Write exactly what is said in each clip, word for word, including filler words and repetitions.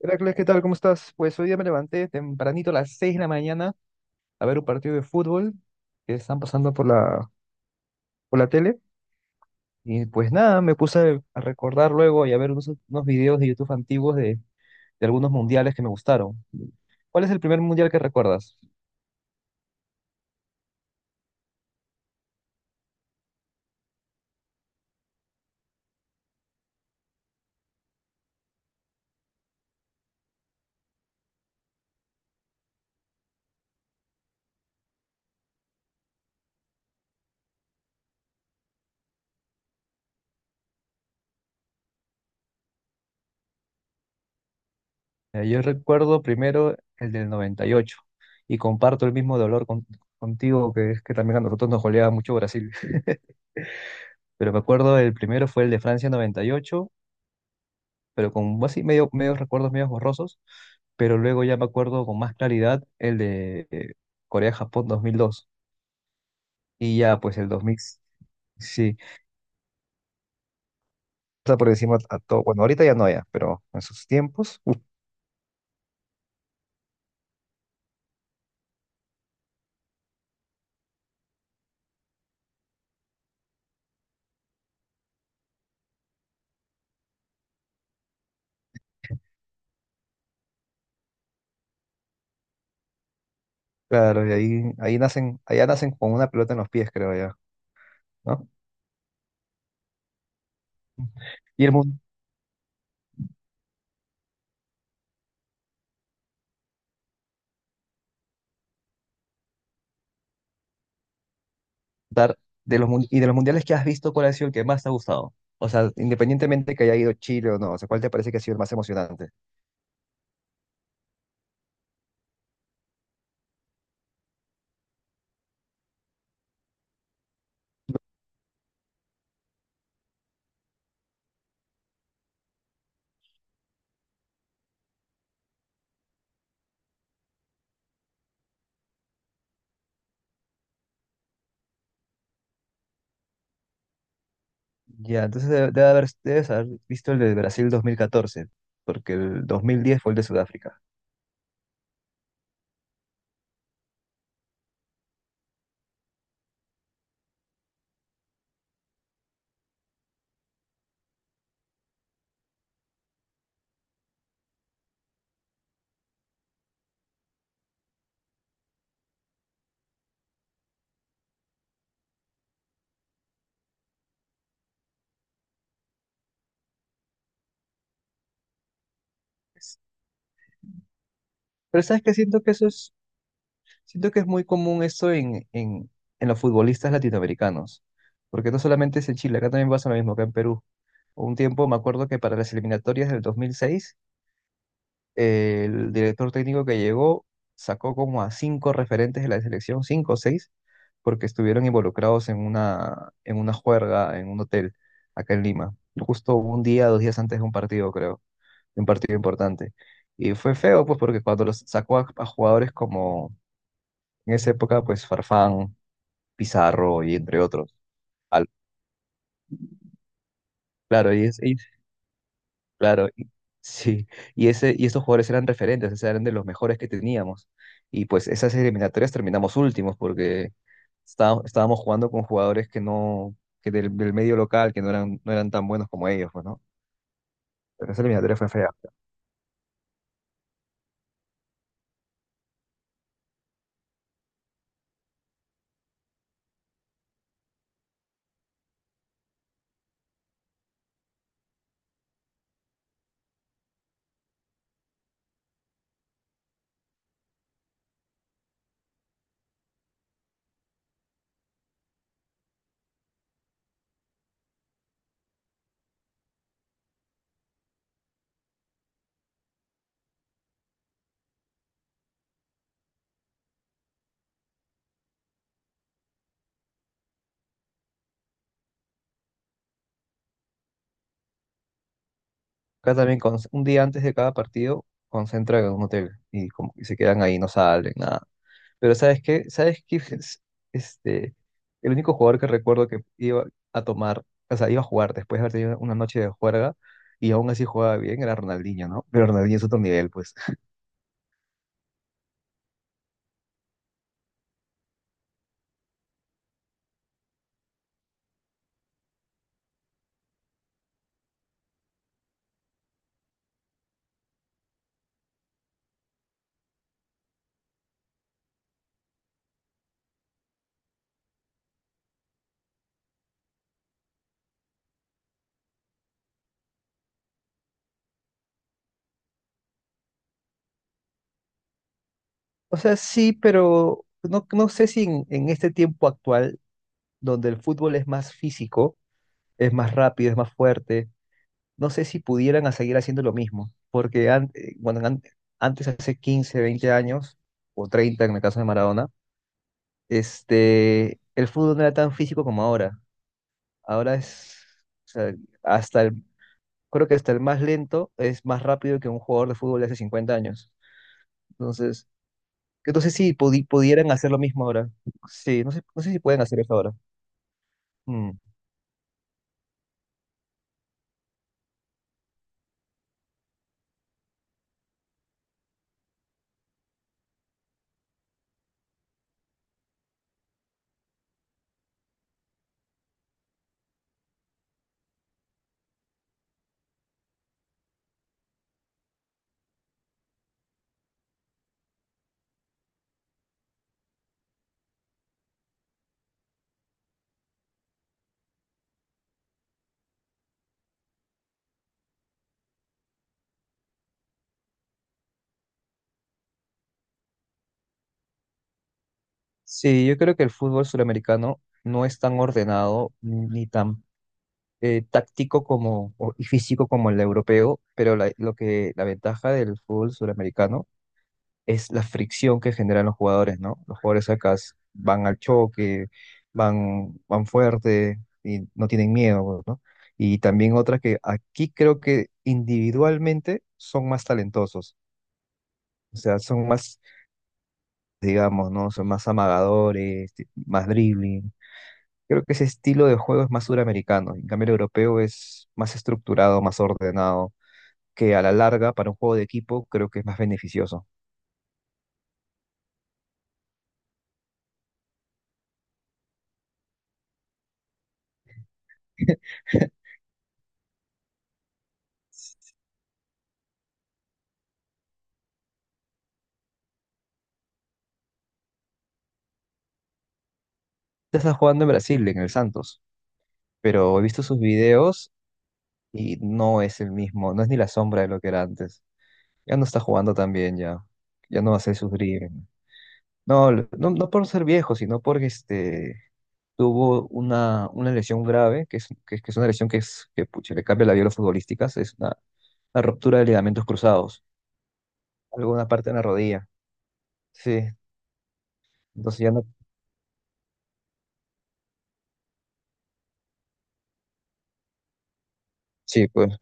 Heracles, ¿qué tal? ¿Cómo estás? Pues hoy día me levanté tempranito a las seis de la mañana a ver un partido de fútbol que están pasando por la, por la tele. Y pues nada, me puse a recordar luego y a ver unos, unos videos de YouTube antiguos de, de algunos mundiales que me gustaron. ¿Cuál es el primer mundial que recuerdas? Eh, yo recuerdo primero el del noventa y ocho y comparto el mismo dolor con- contigo, que es que también a nosotros nos goleaba mucho Brasil. Pero me acuerdo, el primero fue el de Francia noventa y ocho, pero con así medio, medios recuerdos medios borrosos, pero luego ya me acuerdo con más claridad el de eh, Corea-Japón dos mil dos, y ya pues el dos mil, sí, está por encima a todo, bueno, ahorita ya no ya, pero en sus tiempos, uf, claro, y ahí, ahí nacen, allá nacen con una pelota en los pies, creo ya, ¿no? Y el mun- dar- de los, mun- y de los mundiales que has visto, ¿cuál ha sido el que más te ha gustado? O sea, independientemente que haya ido Chile o no, o sea, ¿cuál te parece que ha sido el más emocionante? Ya, entonces debe, debe haber, debes haber visto el de Brasil dos mil catorce, porque el dos mil diez fue el de Sudáfrica. Es- Pero sabes que siento que eso es, siento que es muy común esto en, en, en los futbolistas latinoamericanos, porque no solamente es en Chile, acá también pasa lo mismo, acá en Perú. Un tiempo me acuerdo que para las eliminatorias del dos mil seis, el director técnico que llegó sacó como a cinco referentes de la selección, cinco o seis, porque estuvieron involucrados en una, en una juerga en un hotel acá en Lima, justo un día, dos días antes de un partido, creo, de un partido importante. Y fue feo, pues, porque cuando los sacó a, a jugadores como en esa época, pues Farfán, Pizarro y entre otros. al- claro, y, es- Claro, y- sí. Y, ese, y esos jugadores eran referentes, o sea, eran de los mejores que teníamos. Y pues esas eliminatorias terminamos últimos porque está- estábamos jugando con jugadores que no, que del, del medio local, que no eran, no eran tan buenos como ellos, pues, ¿no? Pero esa eliminatoria fue fea. Acá también, con, un día antes de cada partido, concentran en un hotel y, como, y se quedan ahí, no salen, nada. Pero ¿sabes qué? ¿Sabes qué? Este, el único jugador que recuerdo que iba a tomar, o sea, iba a jugar después de haber tenido una noche de juerga y aún así jugaba bien, era Ronaldinho, ¿no? Pero Ronaldinho es otro nivel, pues. O sea, sí, pero no, no sé si en, en este tiempo actual, donde el fútbol es más físico, es más rápido, es más fuerte, no sé si pudieran a seguir haciendo lo mismo, porque an- eh, bueno, an- antes, hace quince veinte años, o treinta en el caso de Maradona, este, el fútbol no era tan físico como ahora. Ahora es, o sea, hasta el, creo que hasta el más lento es más rápido que un jugador de fútbol de hace cincuenta años. Entonces, entonces sí, pudi- pudieran hacer lo mismo ahora. Sí, no sé, no sé si pueden hacer eso ahora. Mm. Sí, yo creo que el fútbol suramericano no es tan ordenado ni tan eh, táctico como o- y físico como el europeo, pero la- lo que la ventaja del fútbol suramericano es la fricción que generan los jugadores, ¿no? Los jugadores acá s- van al choque, van, van fuerte y no tienen miedo, ¿no? Y también otra que aquí creo que individualmente son más talentosos, o sea, son más, digamos, ¿no? Son más amagadores, ti- más dribbling. Creo que ese estilo de juego es más suramericano, en cambio el europeo es más estructurado, más ordenado, que a la larga para un juego de equipo creo que es más beneficioso. Tú estás jugando en Brasil, en el Santos. Pero he visto sus videos y no es el mismo, no es ni la sombra de lo que era antes. Ya no está jugando tan bien ya, ya no hace sus dribbling. No, lo- no, no por ser viejo, sino porque este, tuvo una, una lesión grave, que es, que, es que es una lesión que, es, que pucha, le cambia la vida a los futbolistas, es una, una ruptura de ligamentos cruzados, alguna parte de la rodilla. Sí, entonces ya no... Sí, pues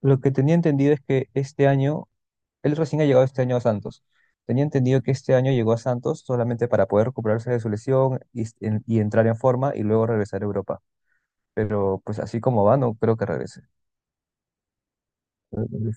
lo que tenía entendido es que este año él recién ha llegado este año a Santos. Tenía entendido que este año llegó a Santos solamente para poder recuperarse de su lesión y, s- en- y entrar en forma y luego regresar a Europa. Pero pues así como va, no creo que regrese. Estuvo,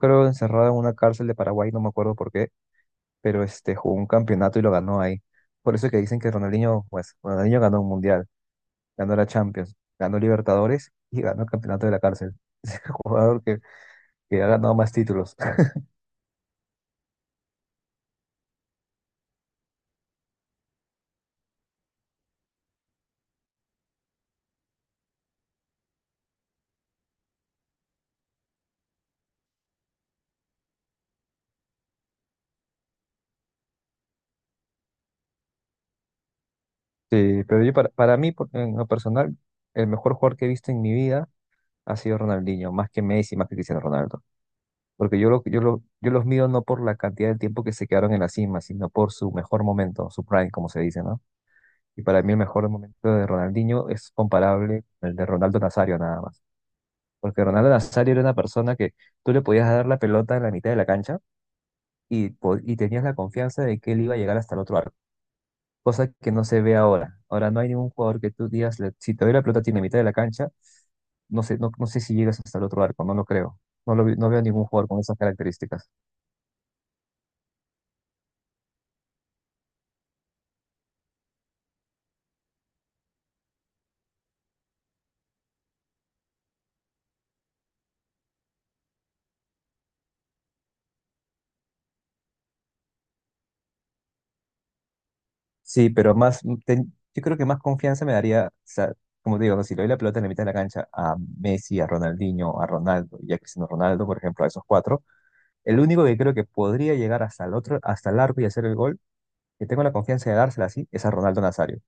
creo, encerrado en una cárcel de Paraguay, no me acuerdo por qué, pero este, jugó un campeonato y lo ganó ahí. Por eso que dicen que Ronaldinho, pues, Ronaldinho ganó un mundial, ganó la Champions, ganó Libertadores y ganó el campeonato de la cárcel. Es el jugador que, que ha ganado más títulos. Sí, pero yo para, para mí, por- en lo personal, el mejor jugador que he visto en mi vida ha sido Ronaldinho, más que Messi, más que Cristiano Ronaldo. Porque yo, lo, yo, lo, yo los mido no por la cantidad de tiempo que se quedaron en la cima, sino por su mejor momento, su prime, como se dice, ¿no? Y para mí el mejor momento de Ronaldinho es comparable con el de Ronaldo Nazario nada más. Porque Ronaldo Nazario era una persona que tú le podías dar la pelota en la mitad de la cancha y, po- y tenías la confianza de que él iba a llegar hasta el otro arco, cosa que no se ve ahora. Ahora no hay ningún jugador que tú digas, le- si te doy la pelota tiene mitad de la cancha, no sé, no, no sé si llegas hasta el otro arco, no lo creo. No, lo, vi- no veo ningún jugador con esas características. Sí, pero más, mm, ten- yo creo que más confianza me daría, o sea, como te digo, ¿no? Si le doy la pelota en la mitad de la cancha a Messi, a Ronaldinho, a Ronaldo y a Cristiano Ronaldo, por ejemplo, a esos cuatro, el único que creo que podría llegar hasta el otro, hasta el arco y hacer el gol, que tengo la confianza de dársela así, es a Ronaldo Nazario.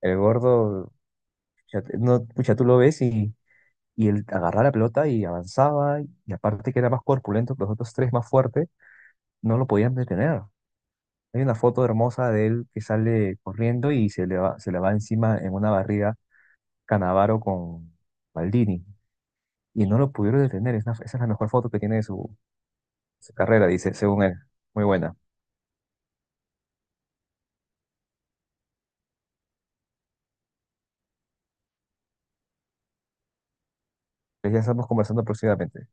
El gordo, pucha, no, pucha, tú lo ves. y Y él agarraba la pelota y avanzaba, y aparte que era más corpulento que los otros tres, más fuerte, no lo podían detener. Hay una foto hermosa de él que sale corriendo y se le va, se le va encima en una barrida Canavaro con Maldini. Y no lo pudieron detener. Es una- esa es la mejor foto que tiene de su, su carrera, dice, según él. Muy buena. Pues ya estamos conversando próximamente.